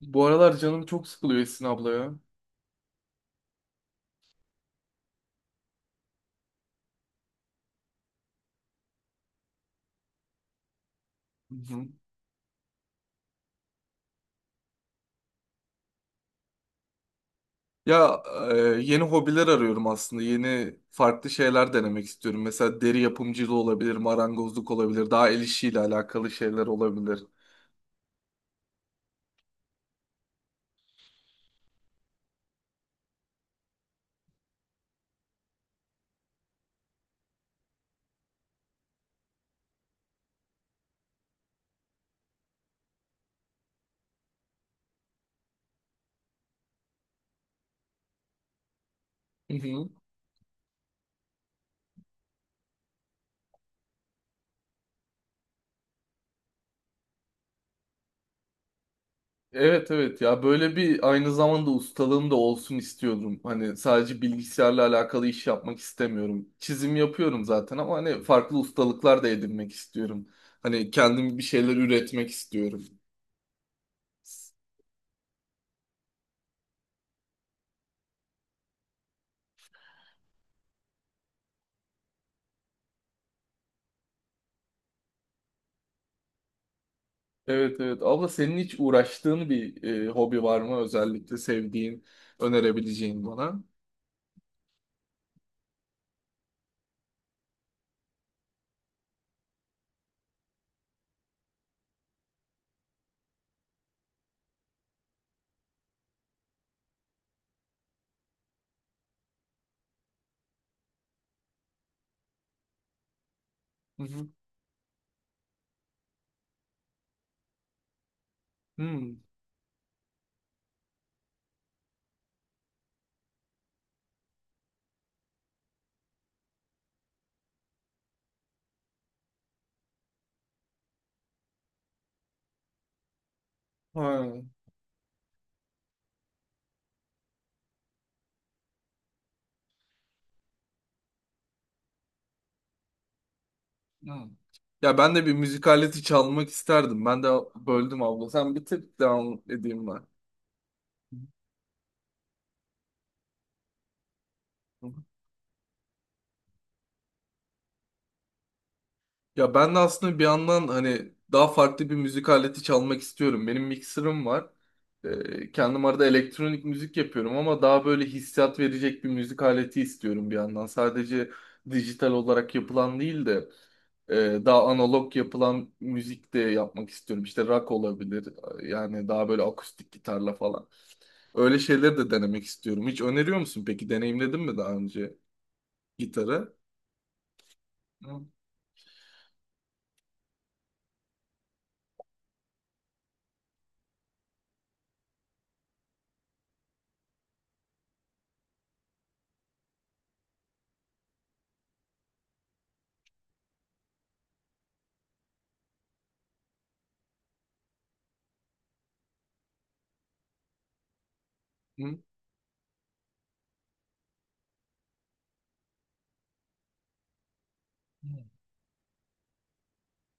Bu aralar canım çok sıkılıyor, Esin abla ya. Hı hı. Ya, e, yeni hobiler arıyorum aslında. Yeni farklı şeyler denemek istiyorum. Mesela deri yapımcılığı olabilir, marangozluk olabilir, daha el işiyle alakalı şeyler olabilir. Hı hı. Evet, evet, ya böyle bir aynı zamanda ustalığım da olsun istiyordum. Hani sadece bilgisayarla alakalı iş yapmak istemiyorum. Çizim yapıyorum zaten ama hani farklı ustalıklar da edinmek istiyorum. Hani kendim bir şeyler üretmek istiyorum. Evet, evet. Abla, senin hiç uğraştığın bir hobi var mı? Özellikle sevdiğin, önerebileceğin bana. Hı hı. Hmm. Ha. Hmm. Ya ben de bir müzik aleti çalmak isterdim. Ben de böldüm abla. Sen bir tık devam edeyim ben. Hı hı. Ya ben de aslında bir yandan hani daha farklı bir müzik aleti çalmak istiyorum. Benim mikserim var. Kendim arada elektronik müzik yapıyorum ama daha böyle hissiyat verecek bir müzik aleti istiyorum bir yandan. Sadece dijital olarak yapılan değil de, e, daha analog yapılan müzik de yapmak istiyorum. İşte rock olabilir. Yani daha böyle akustik gitarla falan. Öyle şeyleri de denemek istiyorum. Hiç öneriyor musun peki? Deneyimledin mi daha önce gitarı? Hı. Hı?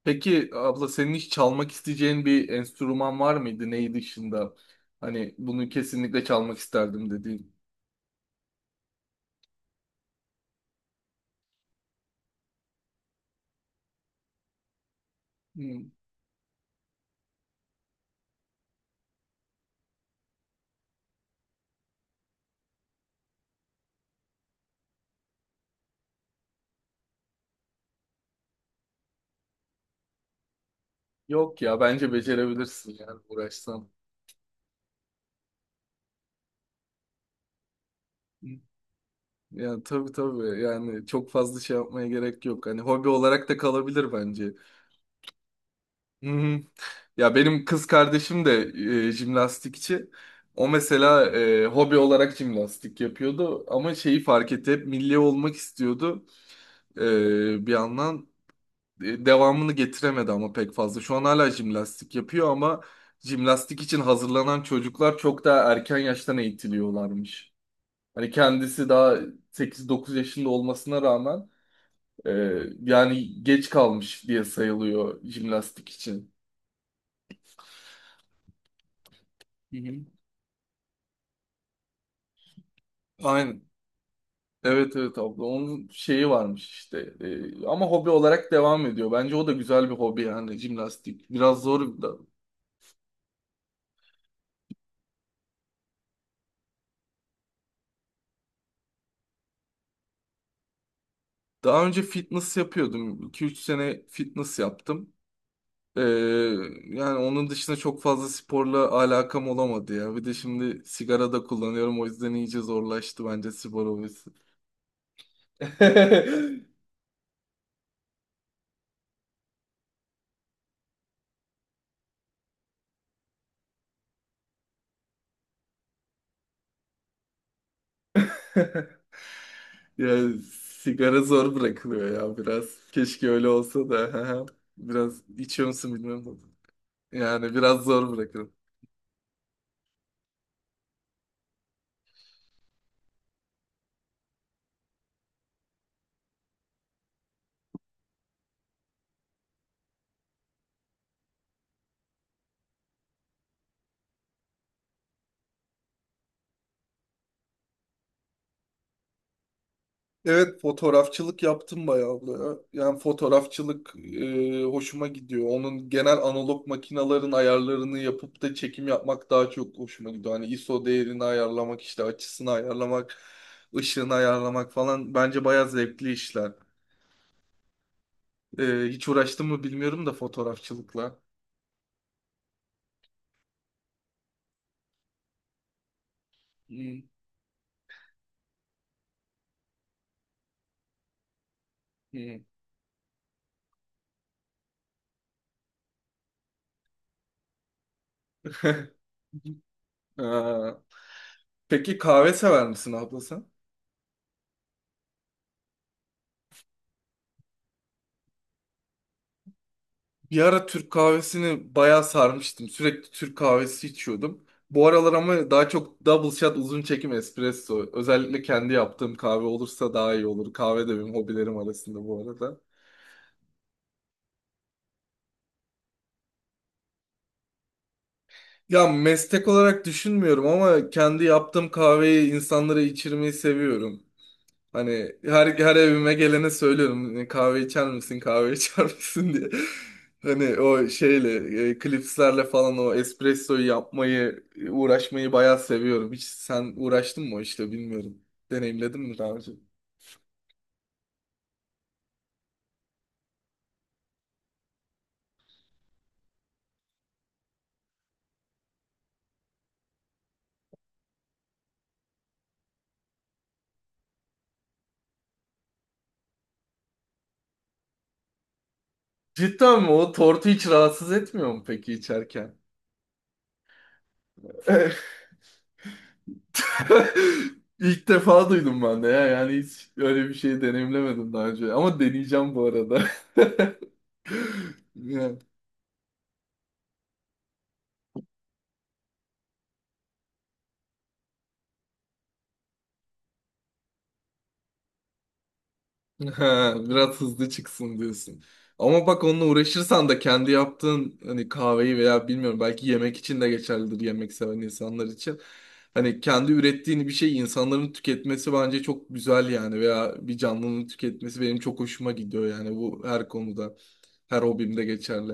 Peki abla, senin hiç çalmak isteyeceğin bir enstrüman var mıydı? Neyi dışında? Hani bunu kesinlikle çalmak isterdim dediğin. Hmm. Yok ya, bence becerebilirsin yani, uğraşsan. Hmm. Yani tabii, tabii, yani çok fazla şey yapmaya gerek yok. Hani hobi olarak da kalabilir bence. Hmm. Ya benim kız kardeşim de jimnastikçi. O mesela hobi olarak jimnastik yapıyordu ama şeyi fark etti, hep milli olmak istiyordu bir yandan. Devamını getiremedi ama pek fazla. Şu an hala jimnastik yapıyor ama jimnastik için hazırlanan çocuklar çok daha erken yaştan eğitiliyorlarmış. Hani kendisi daha 8-9 yaşında olmasına rağmen e, yani geç kalmış diye sayılıyor jimnastik için. Hı hı. Aynen. Evet, evet abla, onun şeyi varmış işte. Ama hobi olarak devam ediyor. Bence o da güzel bir hobi yani, jimnastik. Biraz zor da. Daha önce fitness yapıyordum. 2 üç sene fitness yaptım. Ee, Yani onun dışında çok fazla sporla alakam olamadı ya. Bir de şimdi sigara da kullanıyorum, o yüzden iyice zorlaştı bence spor hobisi. Yani sigara zor bırakılıyor ya biraz. Keşke öyle olsa da. Biraz içiyor musun bilmiyorum da. Yani biraz zor. Evet, fotoğrafçılık yaptım bayağı da. Yani fotoğrafçılık hoşuma gidiyor. Onun genel analog makinaların ayarlarını yapıp da çekim yapmak daha çok hoşuma gidiyor. Hani ISO değerini ayarlamak, işte açısını ayarlamak, ışığını ayarlamak falan bence bayağı zevkli işler. Hiç uğraştım mı bilmiyorum da fotoğrafçılıkla. Hı, hı. Ha. Peki kahve sever misin abla sen? Bir ara Türk kahvesini bayağı sarmıştım. Sürekli Türk kahvesi içiyordum. Bu aralar ama daha çok double shot uzun çekim espresso. Özellikle kendi yaptığım kahve olursa daha iyi olur. Kahve de benim hobilerim arasında bu arada. Ya meslek olarak düşünmüyorum ama kendi yaptığım kahveyi insanlara içirmeyi seviyorum. Hani her evime gelene söylüyorum, hani kahve içer misin, kahve içer misin diye. Hani o şeyle klipslerle falan o espressoyu yapmayı, uğraşmayı bayağı seviyorum. Hiç sen uğraştın mı o işte bilmiyorum. Deneyimledin mi daha önce? Cidden mi? O tortu hiç rahatsız etmiyor mu peki içerken? İlk defa duydum ben de ya. Yani hiç öyle bir şey deneyimlemedim daha önce. Ama deneyeceğim bu arada. Yani. Ha, biraz hızlı çıksın diyorsun. Ama bak, onunla uğraşırsan da kendi yaptığın hani kahveyi veya, bilmiyorum, belki yemek için de geçerlidir, yemek seven insanlar için. Hani kendi ürettiğin bir şey insanların tüketmesi bence çok güzel yani, veya bir canlının tüketmesi benim çok hoşuma gidiyor yani, bu her konuda, her hobimde geçerli.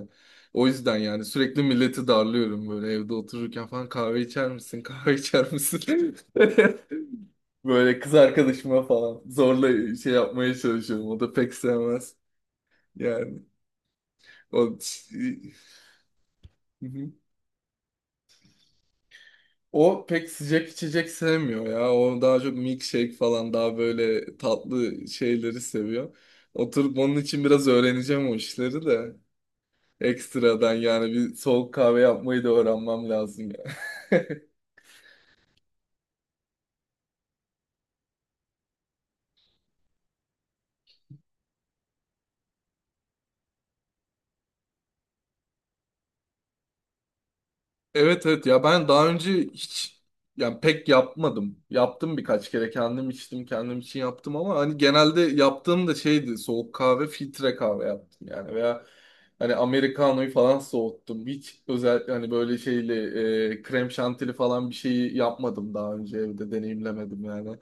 O yüzden yani sürekli milleti darlıyorum böyle evde otururken falan, kahve içer misin, kahve içer misin? Böyle kız arkadaşıma falan zorla şey yapmaya çalışıyorum. O da pek sevmez. Yani o o pek sıcak içecek sevmiyor ya. O daha çok milkshake falan, daha böyle tatlı şeyleri seviyor. Oturup onun için biraz öğreneceğim o işleri de. Ekstradan yani bir soğuk kahve yapmayı da öğrenmem lazım. Evet, evet ya, ben daha önce hiç yani pek yapmadım. Yaptım birkaç kere, kendim içtim, kendim için yaptım ama hani genelde yaptığım da şeydi, soğuk kahve filtre kahve yaptım yani, veya hani Americano'yu falan soğuttum. Hiç özellikle hani böyle şeyli krem şantili falan bir şeyi yapmadım daha önce, evde deneyimlemedim yani.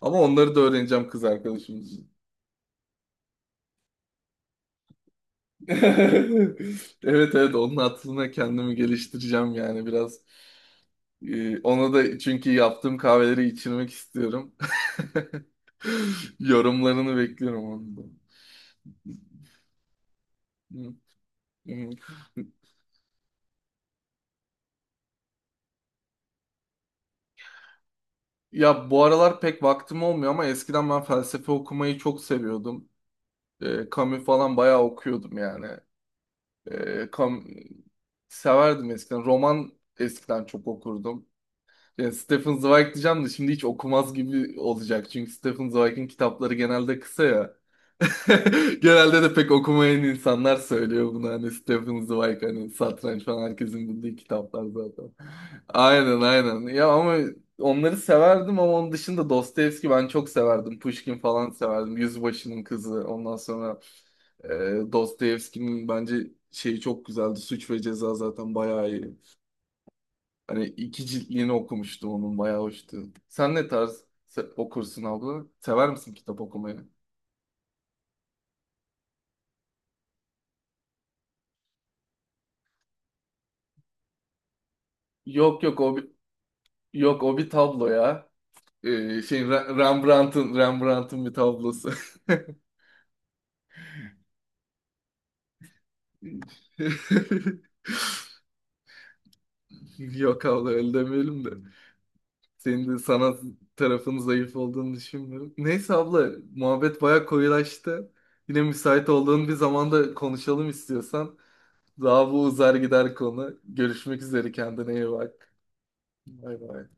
Ama onları da öğreneceğim kız arkadaşım için. Evet, evet onun hatırına kendimi geliştireceğim yani, biraz. Onu da çünkü yaptığım kahveleri içirmek istiyorum. Yorumlarını bekliyorum onu da. Hı, hı. Ya bu aralar pek vaktim olmuyor ama eskiden ben felsefe okumayı çok seviyordum. Camus falan bayağı okuyordum yani. Ee, Cam- Severdim eskiden. Roman eskiden çok okurdum. Yani Stephen Zweig diyeceğim de şimdi hiç okumaz gibi olacak. Çünkü Stephen Zweig'in kitapları genelde kısa ya. Genelde de pek okumayan insanlar söylüyor bunu, hani Stephen Zweig, hani satranç falan, herkesin bildiği kitaplar zaten. Aynen, aynen. Ya ama onları severdim ama onun dışında Dostoyevski ben çok severdim. Pushkin falan severdim. Yüzbaşının Kızı. Ondan sonra e, Dostoyevski'nin bence şeyi çok güzeldi. Suç ve Ceza zaten bayağı iyi. Hani iki ciltliğini okumuştum onun, bayağı hoştu. Sen ne tarz okursun abla? Sever misin kitap okumayı? Yok, yok, o. Yok, o bir tablo ya. Şey, Rembrandt'ın bir tablosu. Yok abla, öyle demeyelim de. Senin de sanat tarafının zayıf olduğunu düşünmüyorum. Neyse abla, muhabbet baya koyulaştı. Yine müsait olduğun bir zamanda konuşalım istiyorsan. Daha bu uzar gider konu. Görüşmek üzere, kendine iyi bak. Bay bay.